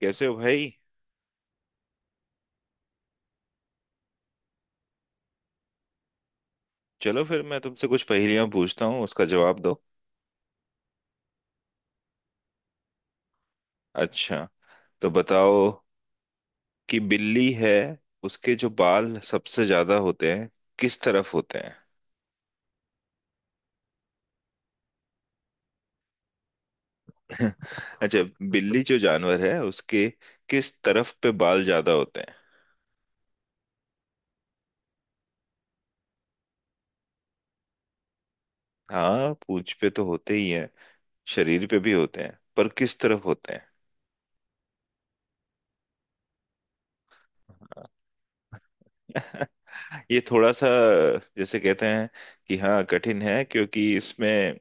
कैसे हो भाई। चलो फिर मैं तुमसे कुछ पहेलियां पूछता हूँ, उसका जवाब दो। अच्छा, तो बताओ कि बिल्ली है, उसके जो बाल सबसे ज्यादा होते हैं किस तरफ होते हैं? अच्छा, बिल्ली जो जानवर है उसके किस तरफ पे बाल ज्यादा होते हैं? हाँ, पूंछ पे तो होते ही हैं, शरीर पे भी होते हैं, पर किस तरफ होते हैं? ये थोड़ा सा जैसे कहते हैं कि हाँ कठिन है, क्योंकि इसमें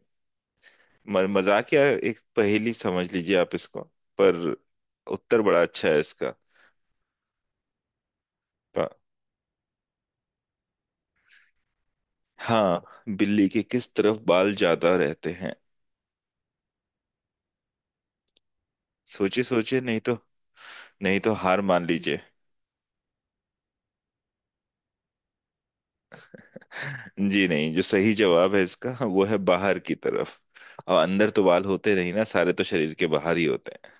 मजाक या एक पहेली समझ लीजिए आप इसको, पर उत्तर बड़ा अच्छा है इसका। तो, हाँ, बिल्ली के किस तरफ बाल ज्यादा रहते हैं? सोचिए सोचिए, नहीं तो, नहीं तो हार मान लीजिए। जी नहीं, जो सही जवाब है इसका वो है बाहर की तरफ। और अंदर तो बाल होते नहीं ना, सारे तो शरीर के बाहर ही होते हैं।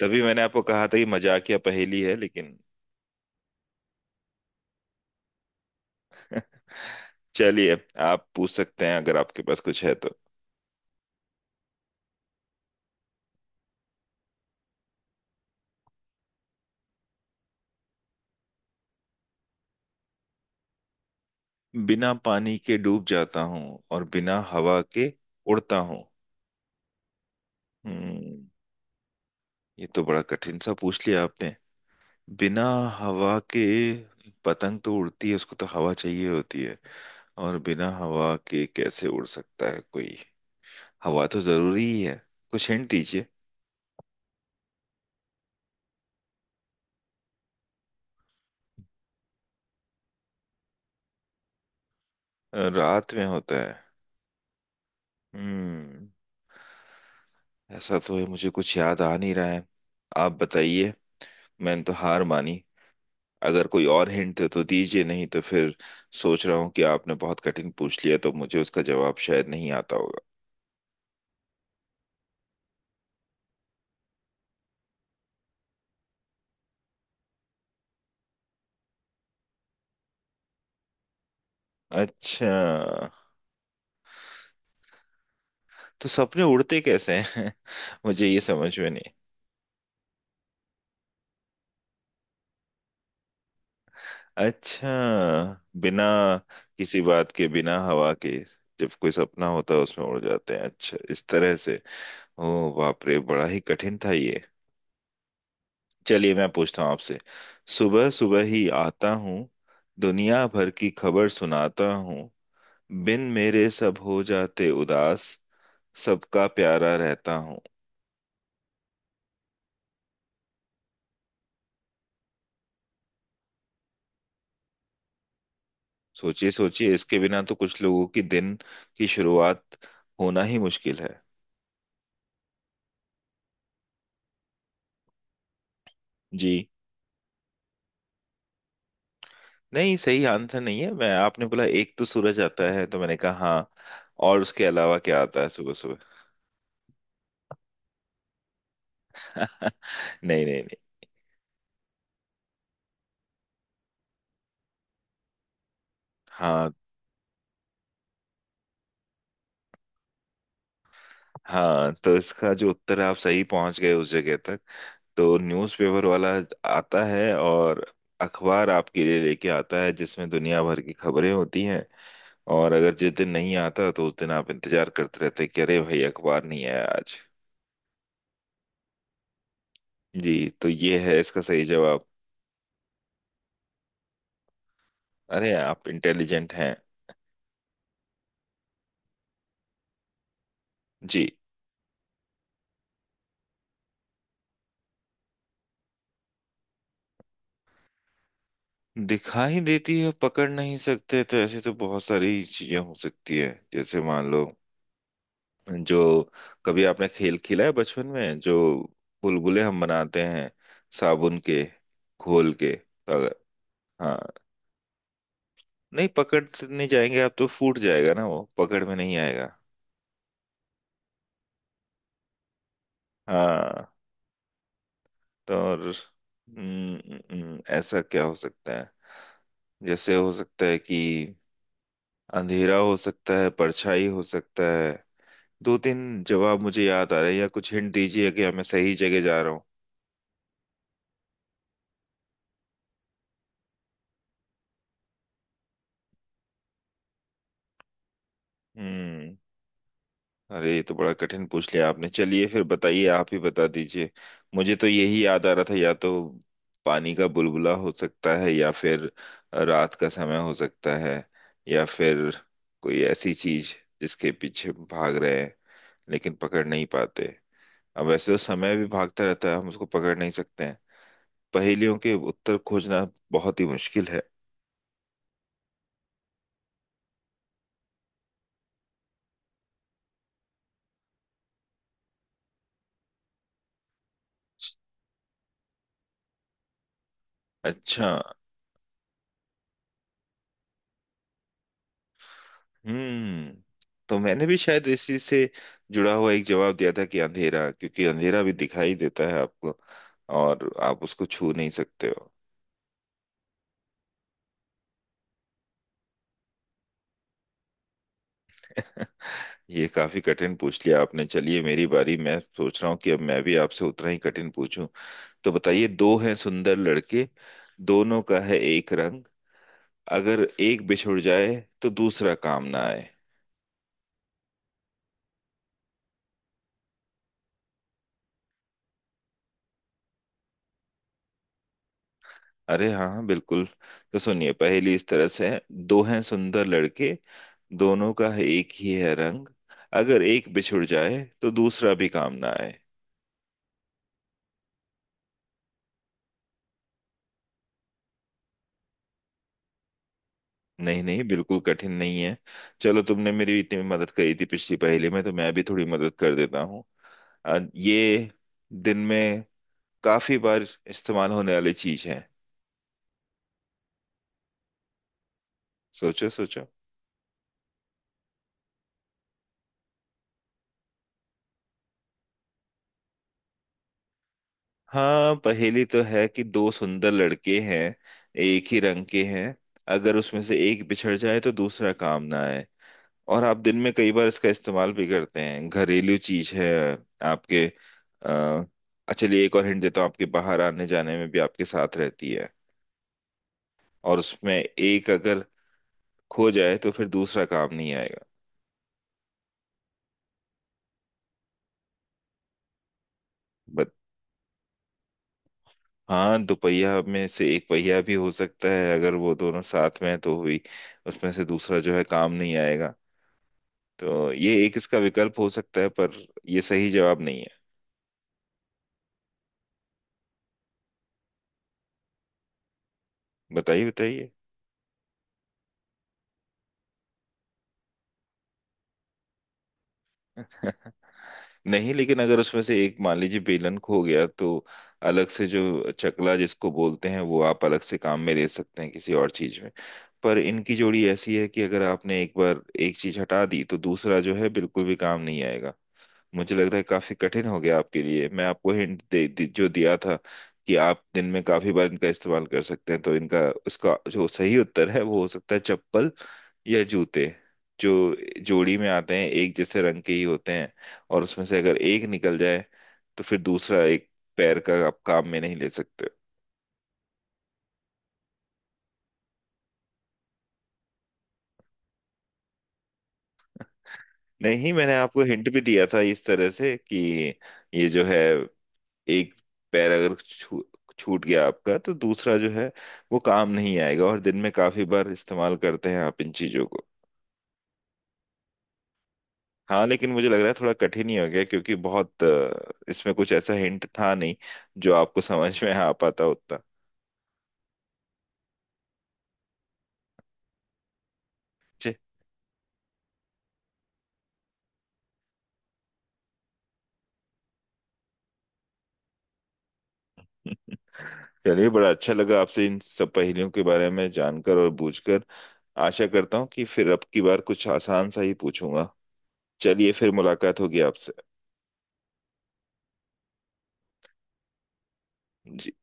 तभी मैंने आपको कहा था कि मजाकिया पहेली है लेकिन। चलिए, आप पूछ सकते हैं अगर आपके पास कुछ है तो। बिना पानी के डूब जाता हूँ और बिना हवा के उड़ता हूँ। हम्म, ये तो बड़ा कठिन सा पूछ लिया आपने। बिना हवा के, पतंग तो उड़ती है, उसको तो हवा चाहिए होती है। और बिना हवा के कैसे उड़ सकता है कोई, हवा तो जरूरी ही है। कुछ हिंट दीजिए। रात में होता है। हम्म, ऐसा तो है, मुझे कुछ याद आ नहीं रहा है। आप बताइए, मैंने तो हार मानी। अगर कोई और हिंट दे तो दीजिए, नहीं तो फिर सोच रहा हूँ कि आपने बहुत कठिन पूछ लिया, तो मुझे उसका जवाब शायद नहीं आता होगा। अच्छा, तो सपने उड़ते कैसे हैं? मुझे ये समझ में नहीं। अच्छा, बिना किसी बात के, बिना हवा के, जब कोई सपना होता है उसमें उड़ जाते हैं, अच्छा इस तरह से। ओ बाप रे, बड़ा ही कठिन था ये। चलिए, मैं पूछता हूँ आपसे। सुबह सुबह ही आता हूँ, दुनिया भर की खबर सुनाता हूँ, बिन मेरे सब हो जाते उदास, सबका प्यारा रहता हूँ। सोचिए सोचिए, इसके बिना तो कुछ लोगों की दिन की शुरुआत होना ही मुश्किल है। जी, नहीं सही आंसर नहीं है। मैं, आपने बोला एक तो सूरज आता है, तो मैंने कहा हाँ, और उसके अलावा क्या आता है सुबह सुबह? नहीं नहीं नहीं। हाँ, हाँ, तो इसका जो उत्तर है, आप सही पहुंच गए उस जगह तक। तो न्यूज़पेपर वाला आता है और अखबार आपके लिए लेके आता है, जिसमें दुनिया भर की खबरें होती हैं। और अगर जिस दिन नहीं आता तो उस दिन आप इंतजार करते रहते कि अरे भाई अखबार नहीं आया आज। जी, तो ये है इसका सही जवाब। अरे, आप इंटेलिजेंट हैं। जी, दिखाई देती है, पकड़ नहीं सकते, तो ऐसी तो बहुत सारी चीजें हो सकती है जैसे मान लो, जो कभी आपने खेल खेला है बचपन में, जो बुलबुले हम बनाते हैं, साबुन के घोल के, तो अगर। हाँ, नहीं पकड़ से नहीं जाएंगे आप, तो फूट जाएगा ना, वो पकड़ में नहीं आएगा। हाँ, तो और ऐसा क्या हो सकता है? जैसे हो सकता है कि अंधेरा हो सकता है, परछाई हो सकता है, दो तीन जवाब मुझे याद आ रहे हैं। या कुछ हिंट दीजिए कि मैं सही जगह जा रहा हूँ। हम्म, अरे ये तो बड़ा कठिन पूछ लिया आपने, चलिए फिर बताइए, आप ही बता दीजिए। मुझे तो यही याद आ रहा था, या तो पानी का बुलबुला हो सकता है, या फिर रात का समय हो सकता है, या फिर कोई ऐसी चीज जिसके पीछे भाग रहे हैं लेकिन पकड़ नहीं पाते। अब वैसे तो समय भी भागता रहता है, हम उसको पकड़ नहीं सकते हैं। पहेलियों के उत्तर खोजना बहुत ही मुश्किल है। अच्छा, हम्म, तो मैंने भी शायद इसी से जुड़ा हुआ एक जवाब दिया था कि अंधेरा, क्योंकि अंधेरा भी दिखाई देता है आपको और आप उसको छू नहीं सकते हो। ये काफी कठिन पूछ लिया आपने। चलिए, मेरी बारी, मैं सोच रहा हूँ कि अब मैं भी आपसे उतना ही कठिन पूछूं। तो बताइए, दो हैं सुंदर लड़के, दोनों का है एक रंग, अगर एक बिछुड़ जाए तो दूसरा काम ना आए। अरे हाँ हाँ, बिल्कुल। तो सुनिए, पहेली इस तरह से है, दो हैं सुंदर लड़के, दोनों का है एक ही है रंग, अगर एक बिछुड़ जाए तो दूसरा भी काम ना आए। नहीं नहीं, बिल्कुल कठिन नहीं है। चलो, तुमने मेरी इतनी मदद करी थी पिछली पहेली में, तो मैं भी थोड़ी मदद कर देता हूँ। ये दिन में काफी बार इस्तेमाल होने वाली चीज है। सोचो सोचो। हाँ, पहेली तो है कि दो सुंदर लड़के हैं, एक ही रंग के हैं, अगर उसमें से एक बिछड़ जाए तो दूसरा काम ना आए। और आप दिन में कई बार इसका इस्तेमाल भी करते हैं, घरेलू चीज है आपके। अ, चलिए एक और हिंट देता हूँ, आपके बाहर आने जाने में भी आपके साथ रहती है, और उसमें एक अगर खो जाए तो फिर दूसरा काम नहीं आएगा। बट हाँ, दोपहिया में से एक पहिया भी हो सकता है, अगर वो दोनों साथ में हैं तो हुई, उसमें से दूसरा जो है काम नहीं आएगा। तो ये एक इसका विकल्प हो सकता है, पर ये सही जवाब नहीं है। बताइए बताइए। नहीं, लेकिन अगर उसमें से एक मान लीजिए बेलन खो गया, तो अलग से जो चकला जिसको बोलते हैं, वो आप अलग से काम में ले सकते हैं किसी और चीज में। पर इनकी जोड़ी ऐसी है कि अगर आपने एक बार एक चीज हटा दी, तो दूसरा जो है बिल्कुल भी काम नहीं आएगा। मुझे लग रहा है काफी कठिन हो गया आपके लिए। मैं आपको हिंट दे जो दिया था कि आप दिन में काफी बार इनका इस्तेमाल कर सकते हैं, तो इनका, उसका जो सही उत्तर है, वो हो सकता है चप्पल या जूते, जो जोड़ी में आते हैं, एक जैसे रंग के ही होते हैं, और उसमें से अगर एक निकल जाए तो फिर दूसरा एक पैर का आप काम में नहीं ले सकते। नहीं, मैंने आपको हिंट भी दिया था इस तरह से कि ये जो है, एक पैर अगर छूट गया आपका, तो दूसरा जो है वो काम नहीं आएगा। और दिन में काफी बार इस्तेमाल करते हैं आप इन चीजों को। हाँ, लेकिन मुझे लग रहा है थोड़ा कठिन ही हो गया, क्योंकि बहुत इसमें कुछ ऐसा हिंट था नहीं जो आपको समझ में आ पाता उतना। जी। चलिए, बड़ा अच्छा लगा आपसे इन सब पहेलियों के बारे में जानकर और बूझकर। आशा करता हूँ कि फिर अब की बार कुछ आसान सा ही पूछूंगा। चलिए, फिर मुलाकात होगी आपसे। जी।